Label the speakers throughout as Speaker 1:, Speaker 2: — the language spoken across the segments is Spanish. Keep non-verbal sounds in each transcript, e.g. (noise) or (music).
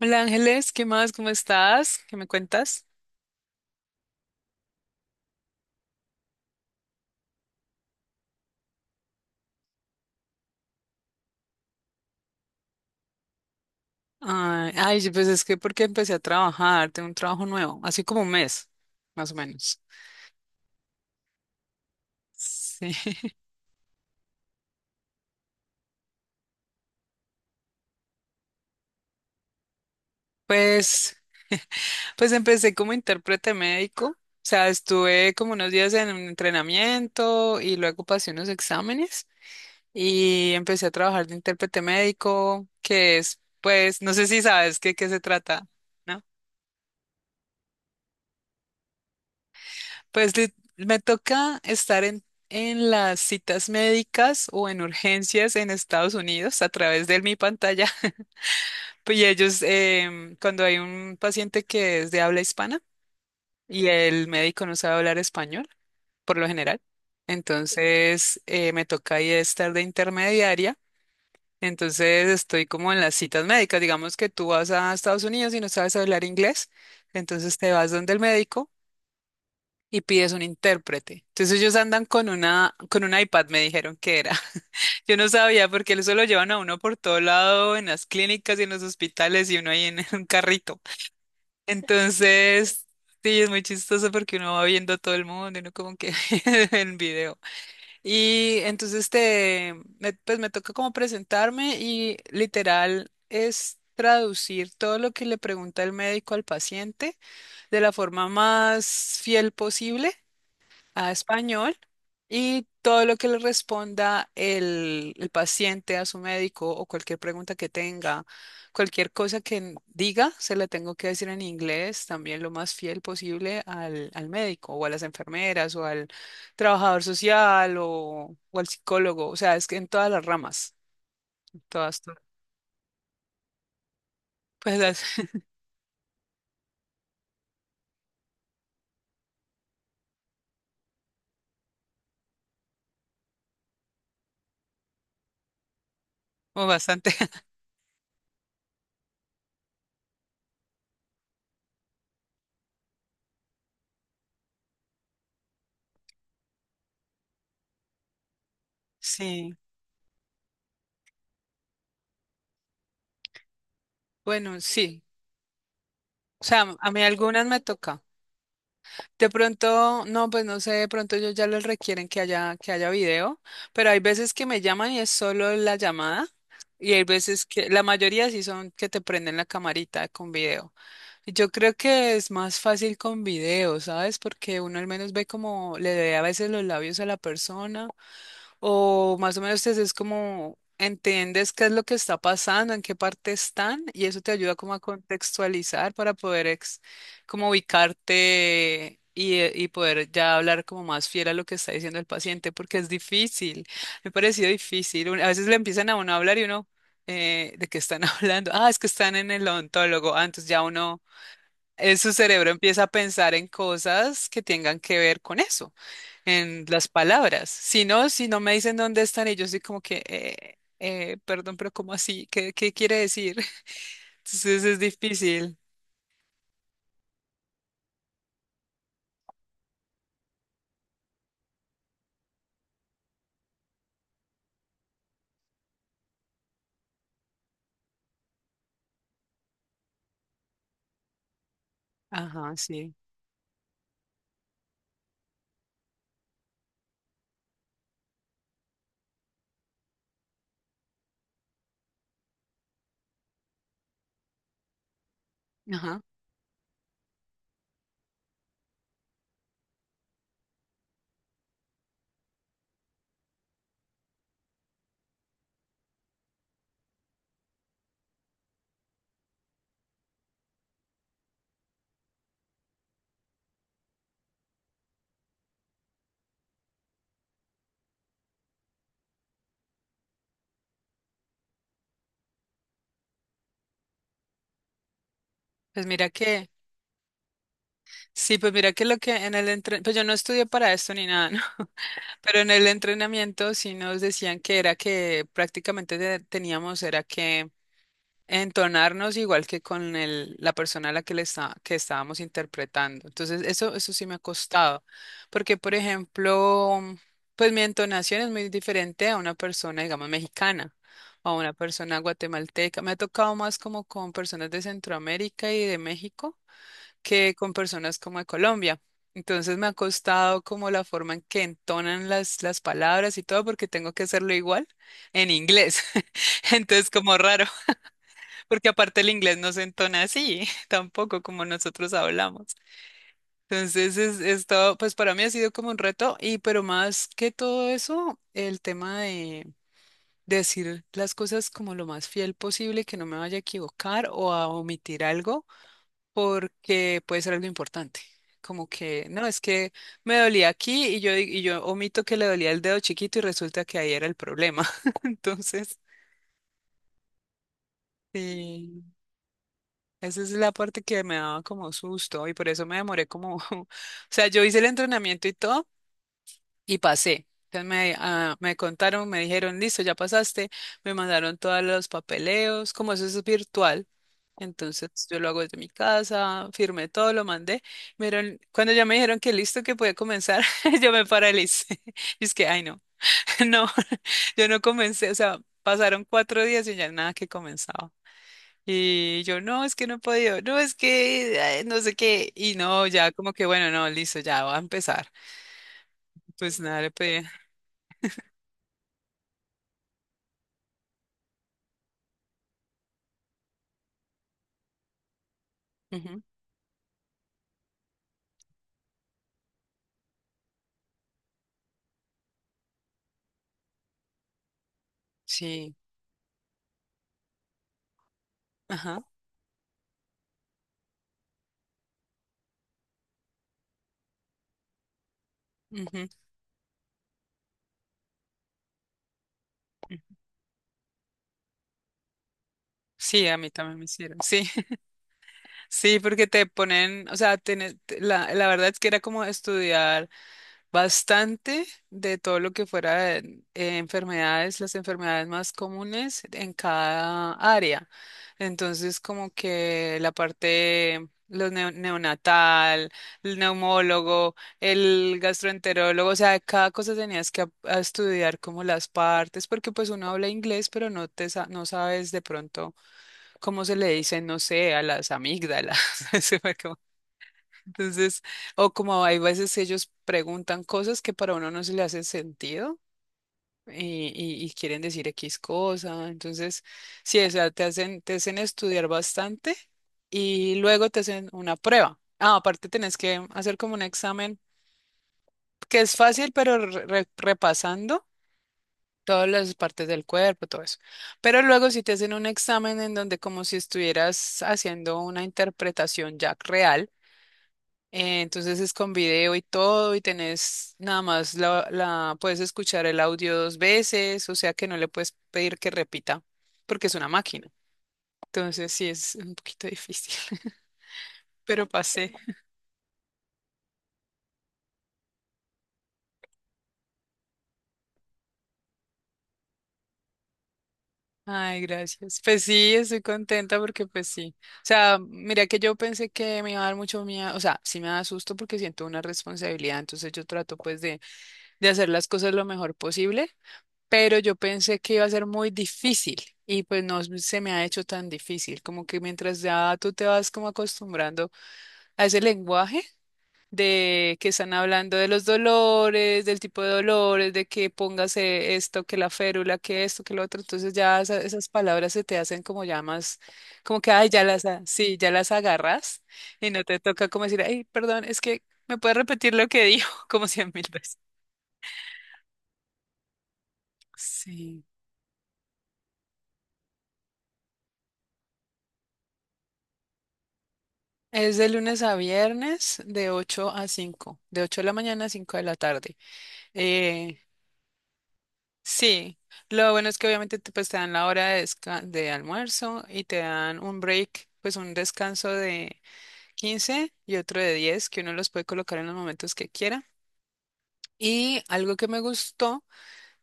Speaker 1: Hola Ángeles, ¿qué más? ¿Cómo estás? ¿Qué me cuentas? Ay, ay, sí, pues es que porque empecé a trabajar, tengo un trabajo nuevo, así como un mes, más o menos. Sí. (laughs) Pues, pues empecé como intérprete médico, o sea, estuve como unos días en un entrenamiento y luego pasé unos exámenes y empecé a trabajar de intérprete médico, que es, pues, no sé si sabes qué se trata, ¿no? Pues me toca estar en las citas médicas o en urgencias en Estados Unidos a través de mi pantalla. (laughs) Pues, y ellos, cuando hay un paciente que es de habla hispana y el médico no sabe hablar español, por lo general, entonces me toca ahí estar de intermediaria. Entonces estoy como en las citas médicas. Digamos que tú vas a Estados Unidos y no sabes hablar inglés, entonces te vas donde el médico, y pides un intérprete. Entonces ellos andan con una, con un iPad, me dijeron que era. (laughs) Yo no sabía porque eso lo llevan a uno por todo lado, en las clínicas y en los hospitales y uno ahí en (laughs) un carrito. Entonces, sí, es muy chistoso porque uno va viendo a todo el mundo y uno como que (laughs) en video. Y entonces pues me toca como presentarme y literal es traducir todo lo que le pregunta el médico al paciente de la forma más fiel posible a español y todo lo que le responda el paciente a su médico o cualquier pregunta que tenga, cualquier cosa que diga, se la tengo que decir en inglés, también lo más fiel posible al médico o a las enfermeras o al trabajador social o al psicólogo, o sea, es que en todas las ramas, en todas, todas. Pues las, (laughs) o bastante, (laughs) sí, bueno, sí, o sea, a mí algunas me toca. De pronto, no, pues no sé, de pronto ellos ya les requieren que haya video, pero hay veces que me llaman y es solo la llamada, y hay veces que, la mayoría sí son que te prenden la camarita con video. Y yo creo que es más fácil con video, ¿sabes? Porque uno al menos ve como le ve a veces los labios a la persona o más o menos te es como entiendes qué es lo que está pasando, en qué parte están, y eso te ayuda como a contextualizar para poder como ubicarte y poder ya hablar como más fiel a lo que está diciendo el paciente, porque es difícil, me ha parecido difícil. A veces le empiezan a uno a hablar y uno, ¿de qué están (laughs) hablando? Ah, es que están en el odontólogo. Ah, entonces ya uno, su cerebro empieza a pensar en cosas que tengan que ver con eso en las palabras. Si no, si no me dicen dónde están, y yo soy como que, perdón, pero ¿cómo así? ¿Qué quiere decir? (laughs) Entonces es difícil. Ajá, sí. Ajá. Pues mira que, sí, pues mira que lo que en el entrenamiento, pues yo no estudié para esto ni nada, ¿no? (laughs) Pero en el entrenamiento sí nos decían que era que prácticamente teníamos, era que entonarnos igual que con el, la persona a la que le está, que estábamos interpretando. Entonces, eso sí me ha costado, porque, por ejemplo, pues mi entonación es muy diferente a una persona, digamos, mexicana o a una persona guatemalteca. Me ha tocado más como con personas de Centroamérica y de México que con personas como de Colombia. Entonces me ha costado como la forma en que entonan las palabras y todo porque tengo que hacerlo igual en inglés. (laughs) Entonces como raro. Porque aparte el inglés no se entona así, (laughs) tampoco como nosotros hablamos. Entonces, es todo, pues para mí ha sido como un reto, y pero más que todo eso, el tema de decir las cosas como lo más fiel posible, que no me vaya a equivocar o a omitir algo, porque puede ser algo importante. Como que, no, es que me dolía aquí y yo omito que le dolía el dedo chiquito y resulta que ahí era el problema. (laughs) Entonces, sí. Esa es la parte que me daba como susto y por eso me demoré como, (laughs) o sea, yo hice el entrenamiento y todo y pasé. Entonces me contaron, me dijeron, listo, ya pasaste, me mandaron todos los papeleos, como eso es virtual. Entonces yo lo hago desde mi casa, firmé todo, lo mandé. Cuando ya me dijeron que listo, que podía comenzar, (laughs) yo me paralicé. (laughs) Y es que, ay no, (laughs) no, (laughs) yo no comencé, o sea, pasaron 4 días y ya nada que comenzaba. Y yo, no, es que no he podido, no, es que no sé qué. Y no, ya como que, bueno, no, listo, ya va a empezar. Pues nada, le pedí. Ujú, sí, ajá. Ujú. Sí, a mí también me hicieron. Sí. Sí, porque te ponen, o sea, la verdad es que era como estudiar bastante de todo lo que fuera enfermedades, las enfermedades más comunes en cada área. Entonces, como que la parte, los neonatal, el neumólogo, el gastroenterólogo, o sea, de cada cosa tenías que a estudiar como las partes, porque pues uno habla inglés, pero no sabes de pronto. ¿Cómo se le dice? No sé, a las amígdalas. (laughs) Se me acabó. Entonces, o como hay veces ellos preguntan cosas que para uno no se le hace sentido y quieren decir X cosa. Entonces, sí, o sea, te hacen estudiar bastante y luego te hacen una prueba. Ah, aparte tenés que hacer como un examen que es fácil, pero repasando. Todas las partes del cuerpo, todo eso. Pero luego si te hacen un examen en donde como si estuvieras haciendo una interpretación ya real, entonces es con video y todo y tenés nada más la puedes escuchar el audio 2 veces, o sea que no le puedes pedir que repita porque es una máquina. Entonces sí es un poquito difícil, (laughs) pero pasé. Ay, gracias. Pues sí, estoy contenta porque pues sí. O sea, mira que yo pensé que me iba a dar mucho miedo, o sea, sí me da susto porque siento una responsabilidad, entonces yo trato pues de hacer las cosas lo mejor posible, pero yo pensé que iba a ser muy difícil y pues no se me ha hecho tan difícil, como que mientras ya tú te vas como acostumbrando a ese lenguaje de que están hablando de los dolores, del tipo de dolores, de que póngase esto, que la férula, que esto, que lo otro. Entonces ya esas palabras se te hacen como ya más, como que, ay, ya las, sí, ya las agarras y no te toca como decir, ay, perdón, es que me puedes repetir lo que dijo (laughs) como cien mil veces. Sí. Es de lunes a viernes de 8 a 5, de 8 de la mañana a 5 de la tarde. Sí, lo bueno es que obviamente te, pues, te dan la hora de almuerzo y te dan un break, pues un descanso de 15 y otro de 10 que uno los puede colocar en los momentos que quiera. Y algo que me gustó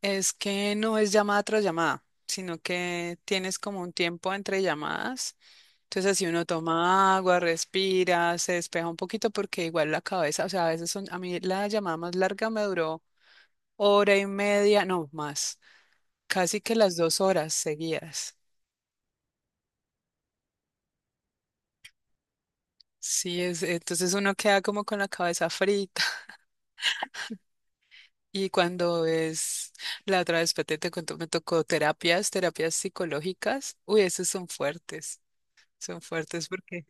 Speaker 1: es que no es llamada tras llamada, sino que tienes como un tiempo entre llamadas. Entonces así uno toma agua, respira, se despeja un poquito porque igual la cabeza, o sea, a veces son, a mí la llamada más larga me duró hora y media, no más casi que las 2 horas seguidas. Sí, entonces uno queda como con la cabeza frita. (laughs) Y cuando es la otra vez, Pete, te contó me tocó terapias, terapias psicológicas. Uy, esos son fuertes porque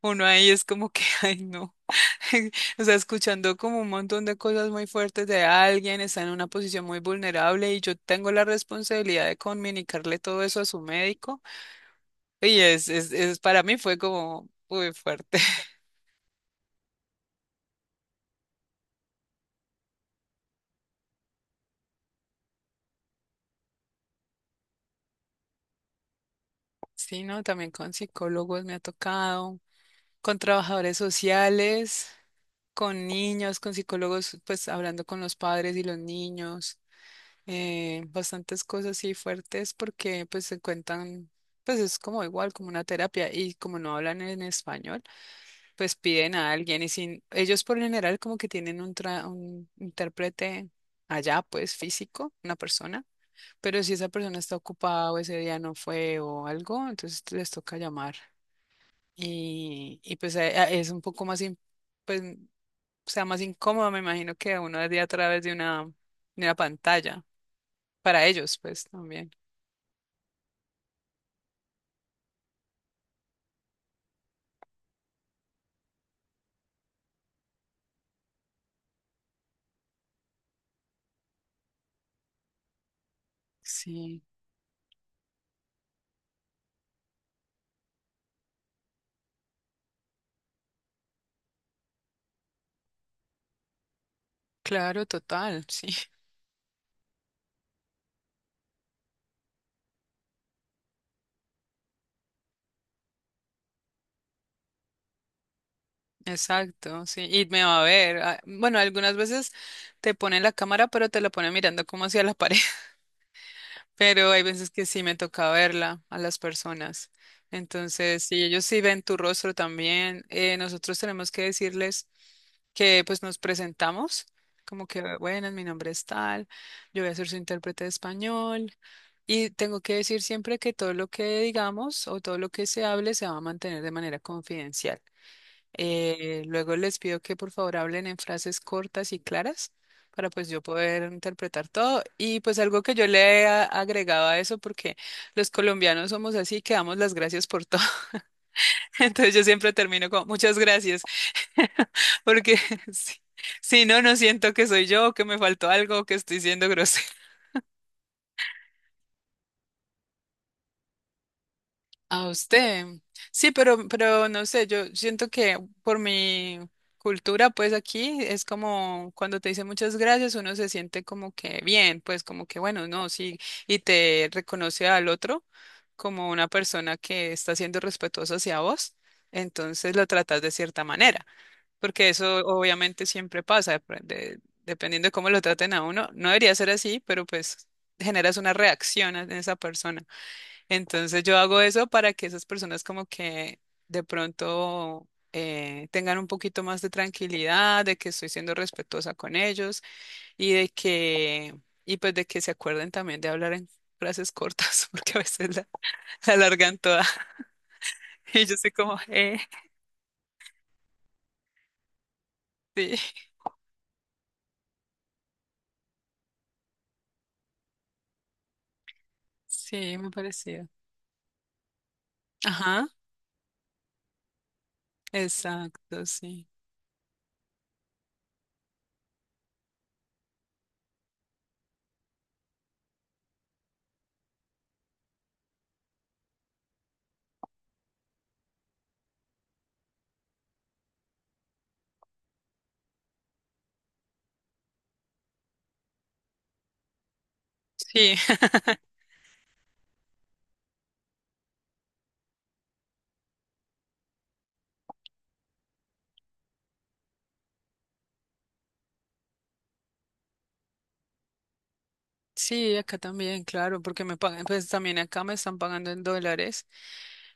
Speaker 1: uno ahí es como que, (laughs) ay, no. (laughs) O sea, escuchando como un montón de cosas muy fuertes de alguien, está en una posición muy vulnerable y yo tengo la responsabilidad de comunicarle todo eso a su médico. Y es para mí fue como muy fuerte. Sí, no, también con psicólogos me ha tocado, con trabajadores sociales, con niños, con psicólogos, pues hablando con los padres y los niños, bastantes cosas así fuertes porque pues se cuentan, pues es como igual, como una terapia y como no hablan en español, pues piden a alguien y sin, ellos por lo general como que tienen un intérprete allá, pues físico, una persona, pero si esa persona está ocupada o ese día no fue o algo, entonces les toca llamar. Y pues es un poco más, pues, mm, más incómodo, me imagino, que uno de a través de una pantalla. Para ellos, pues también. Sí, claro, total, (laughs) sí, exacto, sí. Y me va a ver. Bueno, algunas veces te ponen la cámara, pero te la ponen mirando como hacia la (laughs) pared. Pero hay veces que sí me toca verla a las personas. Entonces, si ellos sí ven tu rostro también, nosotros tenemos que decirles que pues nos presentamos, como que, bueno, mi nombre es tal, yo voy a ser su intérprete de español. Y tengo que decir siempre que todo lo que digamos o todo lo que se hable se va a mantener de manera confidencial. Luego les pido que por favor hablen en frases cortas y claras para pues yo poder interpretar todo. Y pues algo que yo agregaba a eso, porque los colombianos somos así, que damos las gracias por todo. (laughs) Entonces yo siempre termino con muchas gracias, (laughs) porque (laughs) si, si no, no siento que soy yo, que me faltó algo, que estoy siendo grosero. A usted. Sí, pero no sé, yo siento que por mi cultura, pues aquí es como cuando te dicen muchas gracias, uno se siente como que bien, pues como que bueno, no, sí, y te reconoce al otro como una persona que está siendo respetuosa hacia vos, entonces lo tratas de cierta manera, porque eso obviamente siempre pasa, dependiendo de cómo lo traten a uno, no debería ser así, pero pues generas una reacción en esa persona. Entonces yo hago eso para que esas personas como que de pronto tengan un poquito más de tranquilidad, de que estoy siendo respetuosa con ellos y de que, y pues de que se acuerden también de hablar en frases cortas, (laughs) porque a veces la alargan toda. (laughs) Y yo soy como, sí, sí, me pareció. Ajá, exacto, sí. Sí, (laughs) sí, acá también, claro, porque me pagan, pues también acá me están pagando en dólares.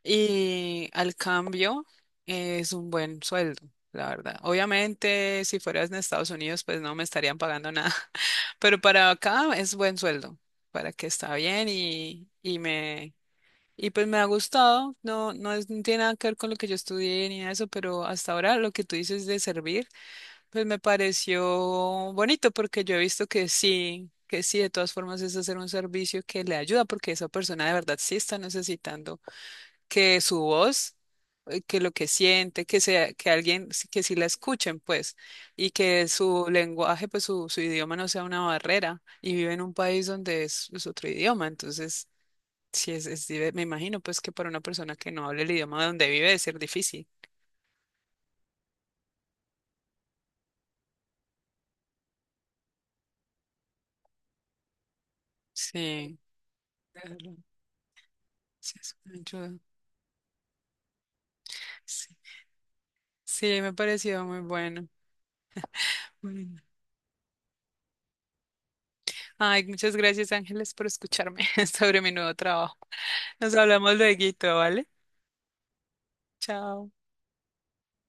Speaker 1: Y al cambio es un buen sueldo, la verdad. Obviamente, si fueras en Estados Unidos, pues no me estarían pagando nada, (laughs) pero para acá es buen sueldo, para que está bien y pues me ha gustado. No tiene nada que ver con lo que yo estudié ni nada de eso, pero hasta ahora lo que tú dices de servir, pues me pareció bonito porque yo he visto que sí. Que sí, de todas formas es hacer un servicio que le ayuda porque esa persona de verdad sí está necesitando que su voz, que lo que siente, que sea, que alguien, que sí la escuchen, pues, y que su lenguaje, su idioma no sea una barrera, y vive en un país donde es otro idioma, entonces, sí es, me imagino, pues, que para una persona que no hable el idioma donde vive debe ser difícil. Sí, claro, sí, es una ayuda. Sí, sí, me pareció muy bueno. Bueno. Ay, muchas gracias, Ángeles, por escucharme (laughs) sobre mi nuevo trabajo. Nos hablamos luego, ¿vale? Chao.